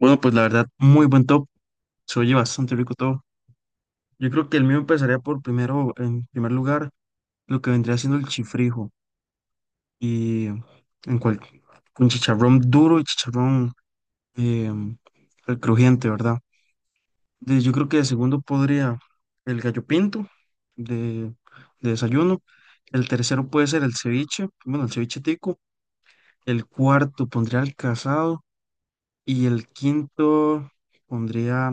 Bueno, pues la verdad, muy buen top. Se oye bastante rico todo. Yo creo que el mío empezaría por primero, en primer lugar, lo que vendría siendo el chifrijo. Y en cual, con chicharrón duro y chicharrón eh, el crujiente, ¿verdad? Yo creo que de segundo podría el gallo pinto de, de desayuno. El tercero puede ser el ceviche, bueno, el ceviche tico. El cuarto pondría el casado. Y el quinto pondría.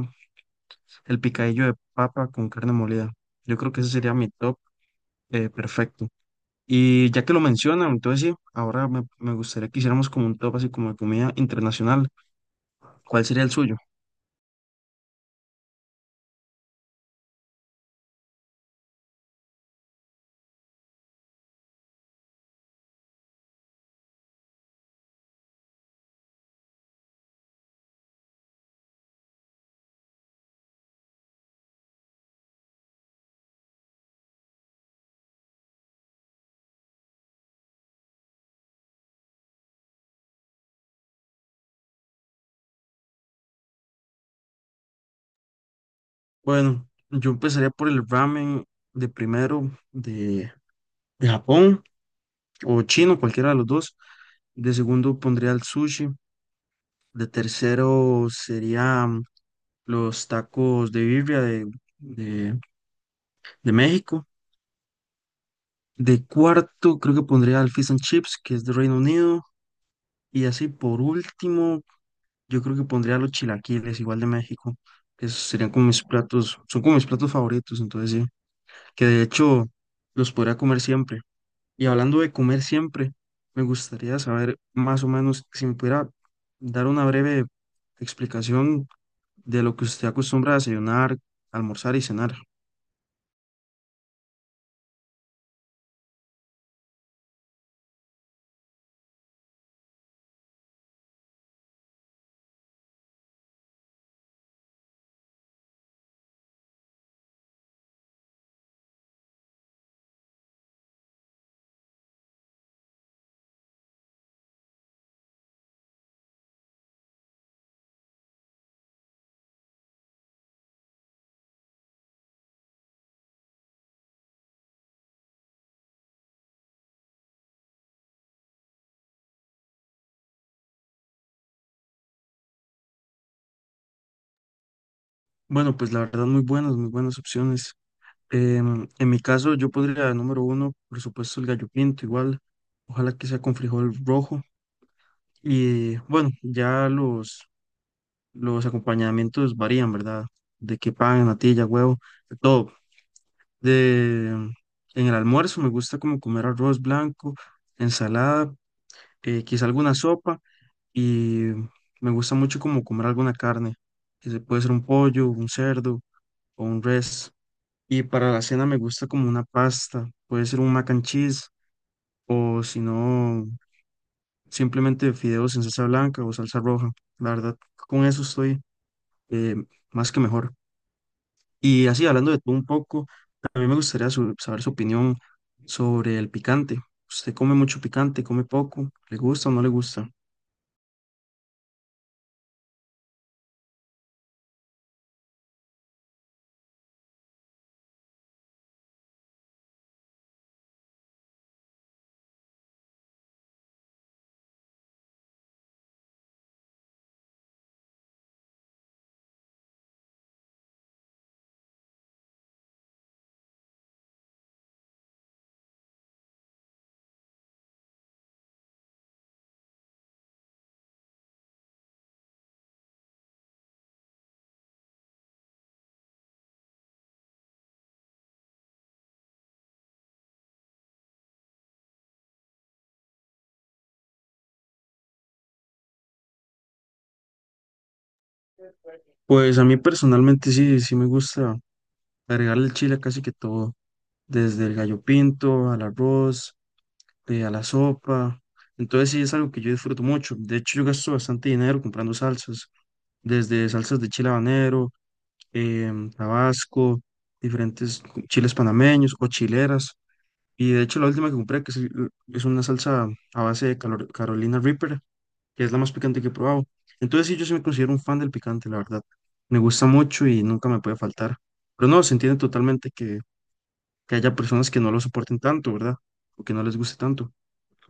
El picadillo de papa con carne molida. Yo creo que ese sería mi top perfecto. Y ya que lo mencionan, entonces sí, ahora me gustaría que hiciéramos como un top así como de comida internacional. ¿Cuál sería el suyo? Bueno, yo empezaría por el ramen de primero de Japón o chino, cualquiera de los dos. De segundo pondría el sushi. De tercero sería los tacos de birria de, de México. De cuarto, creo que pondría al Fish and Chips, que es de Reino Unido. Y así por último, yo creo que pondría los chilaquiles, igual de México. Que Esos serían como mis platos, son como mis platos favoritos, entonces sí, que de hecho los podría comer siempre. Y hablando de comer siempre, me gustaría saber más o menos si me pudiera dar una breve explicación de lo que usted acostumbra a desayunar, almorzar y cenar. Bueno, pues la verdad, muy buenas opciones. En mi caso, yo podría, número uno, por supuesto, el gallo pinto, igual. Ojalá que sea con frijol rojo. Y bueno, ya los acompañamientos varían, ¿verdad? De que pan, natilla, huevo, de todo. De, em, en el almuerzo me gusta como comer arroz blanco, ensalada, quizá alguna sopa. Y me gusta mucho como comer alguna carne. Que Se puede ser un pollo, un cerdo o un res. Y para la cena me gusta como una pasta, puede ser un mac and cheese o si no, simplemente fideos en salsa blanca o salsa roja. La verdad, con eso estoy eh, más que mejor. Y así, hablando de todo un poco, a mí me gustaría saber su opinión sobre el picante. ¿Usted come mucho picante, come poco? ¿Le gusta o no le gusta? Pues a mí personalmente sí, sí me gusta agregar el chile a casi que todo, desde el gallo pinto al arroz, a la sopa. Entonces sí es algo que yo disfruto mucho. De hecho, yo gasto bastante dinero comprando salsas, desde salsas de chile habanero, tabasco, diferentes chiles panameños o chileras. Y de hecho la última que compré, que es, es una salsa a base de Carolina Reaper, que es la más picante que he probado. Entonces sí, yo sí me considero un fan del picante, la verdad. Me gusta mucho y nunca me puede faltar. Pero no, se entiende totalmente que haya personas que no lo soporten tanto, ¿verdad? O que no les guste tanto.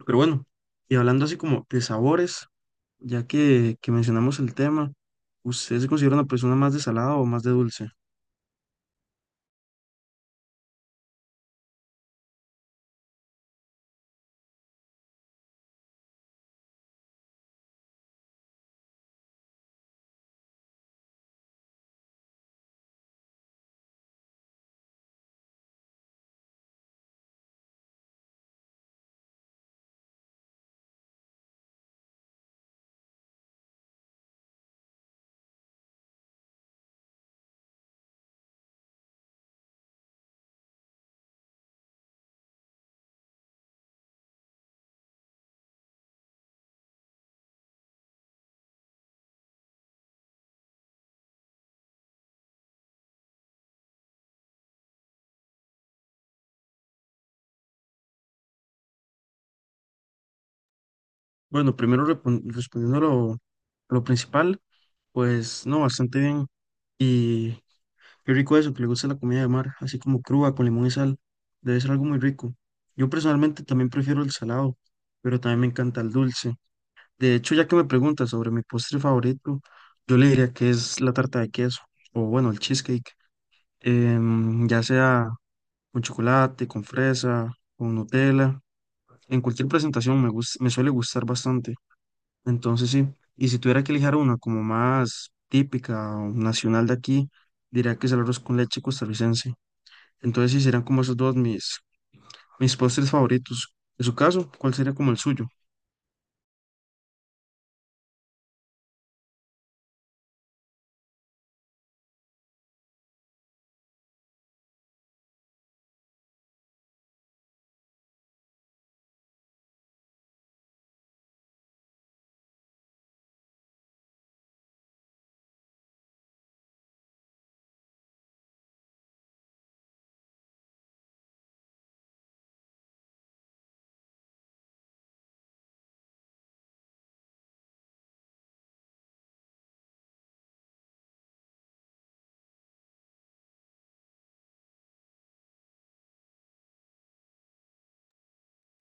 Pero bueno, y hablando así como de sabores, ya que mencionamos el tema, ¿usted se considera una persona más de salado o más de dulce? Bueno, primero respondiendo a a lo principal, pues no, bastante bien. Y qué rico eso, que le gusta la comida de mar, así como cruda, con limón y sal. Debe ser algo muy rico. Yo personalmente también prefiero el salado, pero también me encanta el dulce. De hecho, ya que me preguntas sobre mi postre favorito, yo le diría que es la tarta de queso, o bueno, el cheesecake, ya sea con chocolate, con fresa, con Nutella, en cualquier presentación me suele gustar bastante. Entonces sí, y si tuviera que elegir una como más típica o nacional de aquí, diría que es el arroz con leche costarricense. Entonces sí, serían como esos dos mis postres favoritos. En su caso, ¿cuál sería como el suyo?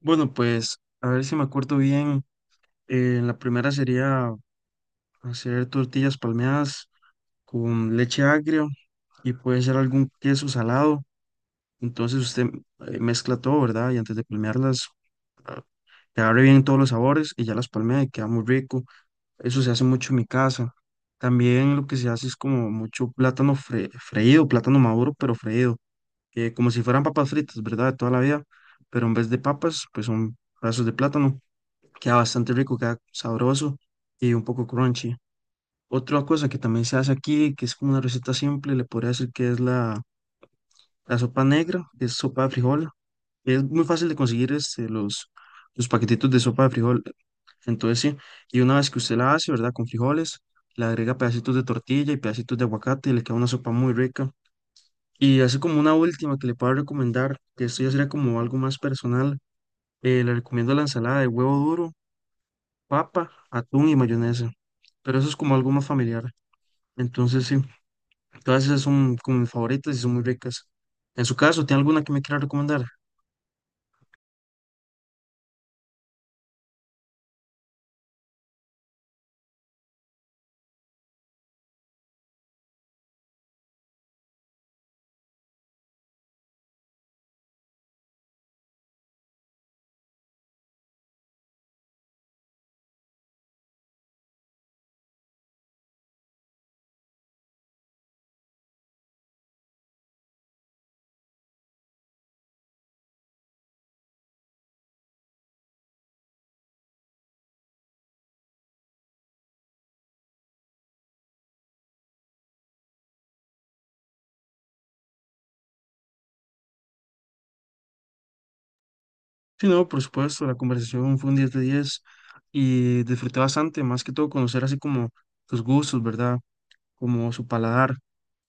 Bueno, pues a ver si me acuerdo bien. La primera sería hacer tortillas palmeadas con leche agria y puede ser algún queso salado. Entonces usted mezcla todo, ¿verdad? Y antes de palmearlas, ah, que abre bien todos los sabores y ya las palmea y queda muy rico. Eso se hace mucho en mi casa. También lo que se hace es como mucho plátano freído, plátano maduro, pero freído, como si fueran papas fritas, ¿verdad? De toda la vida. Pero en vez de papas, pues son pedazos de plátano. Queda bastante rico, queda sabroso y un poco crunchy. Otra cosa que también se hace aquí, que es como una receta simple, le podría decir que es la sopa negra, que es sopa de frijol. Es muy fácil de conseguir este, los paquetitos de sopa de frijol. Entonces, sí, y una vez que usted la hace, ¿verdad? Con frijoles, le agrega pedacitos de tortilla y pedacitos de aguacate y le queda una sopa muy rica. Y así como una última que le puedo recomendar, que esto ya sería como algo más personal, le recomiendo la ensalada de huevo duro, papa, atún y mayonesa. Pero eso es como algo más familiar. Entonces, sí. Todas esas son como mis favoritas y son muy ricas. En su caso, ¿tiene alguna que me quiera recomendar? Sí, no, por supuesto, la conversación fue un 10 de 10 y disfruté bastante, más que todo conocer así como sus gustos, ¿verdad? Como su paladar.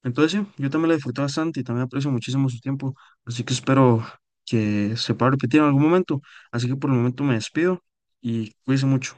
Entonces, sí, yo también la disfruté bastante y también aprecio muchísimo su tiempo, así que espero que se pueda repetir en algún momento. Así que por el momento me despido y cuídense mucho.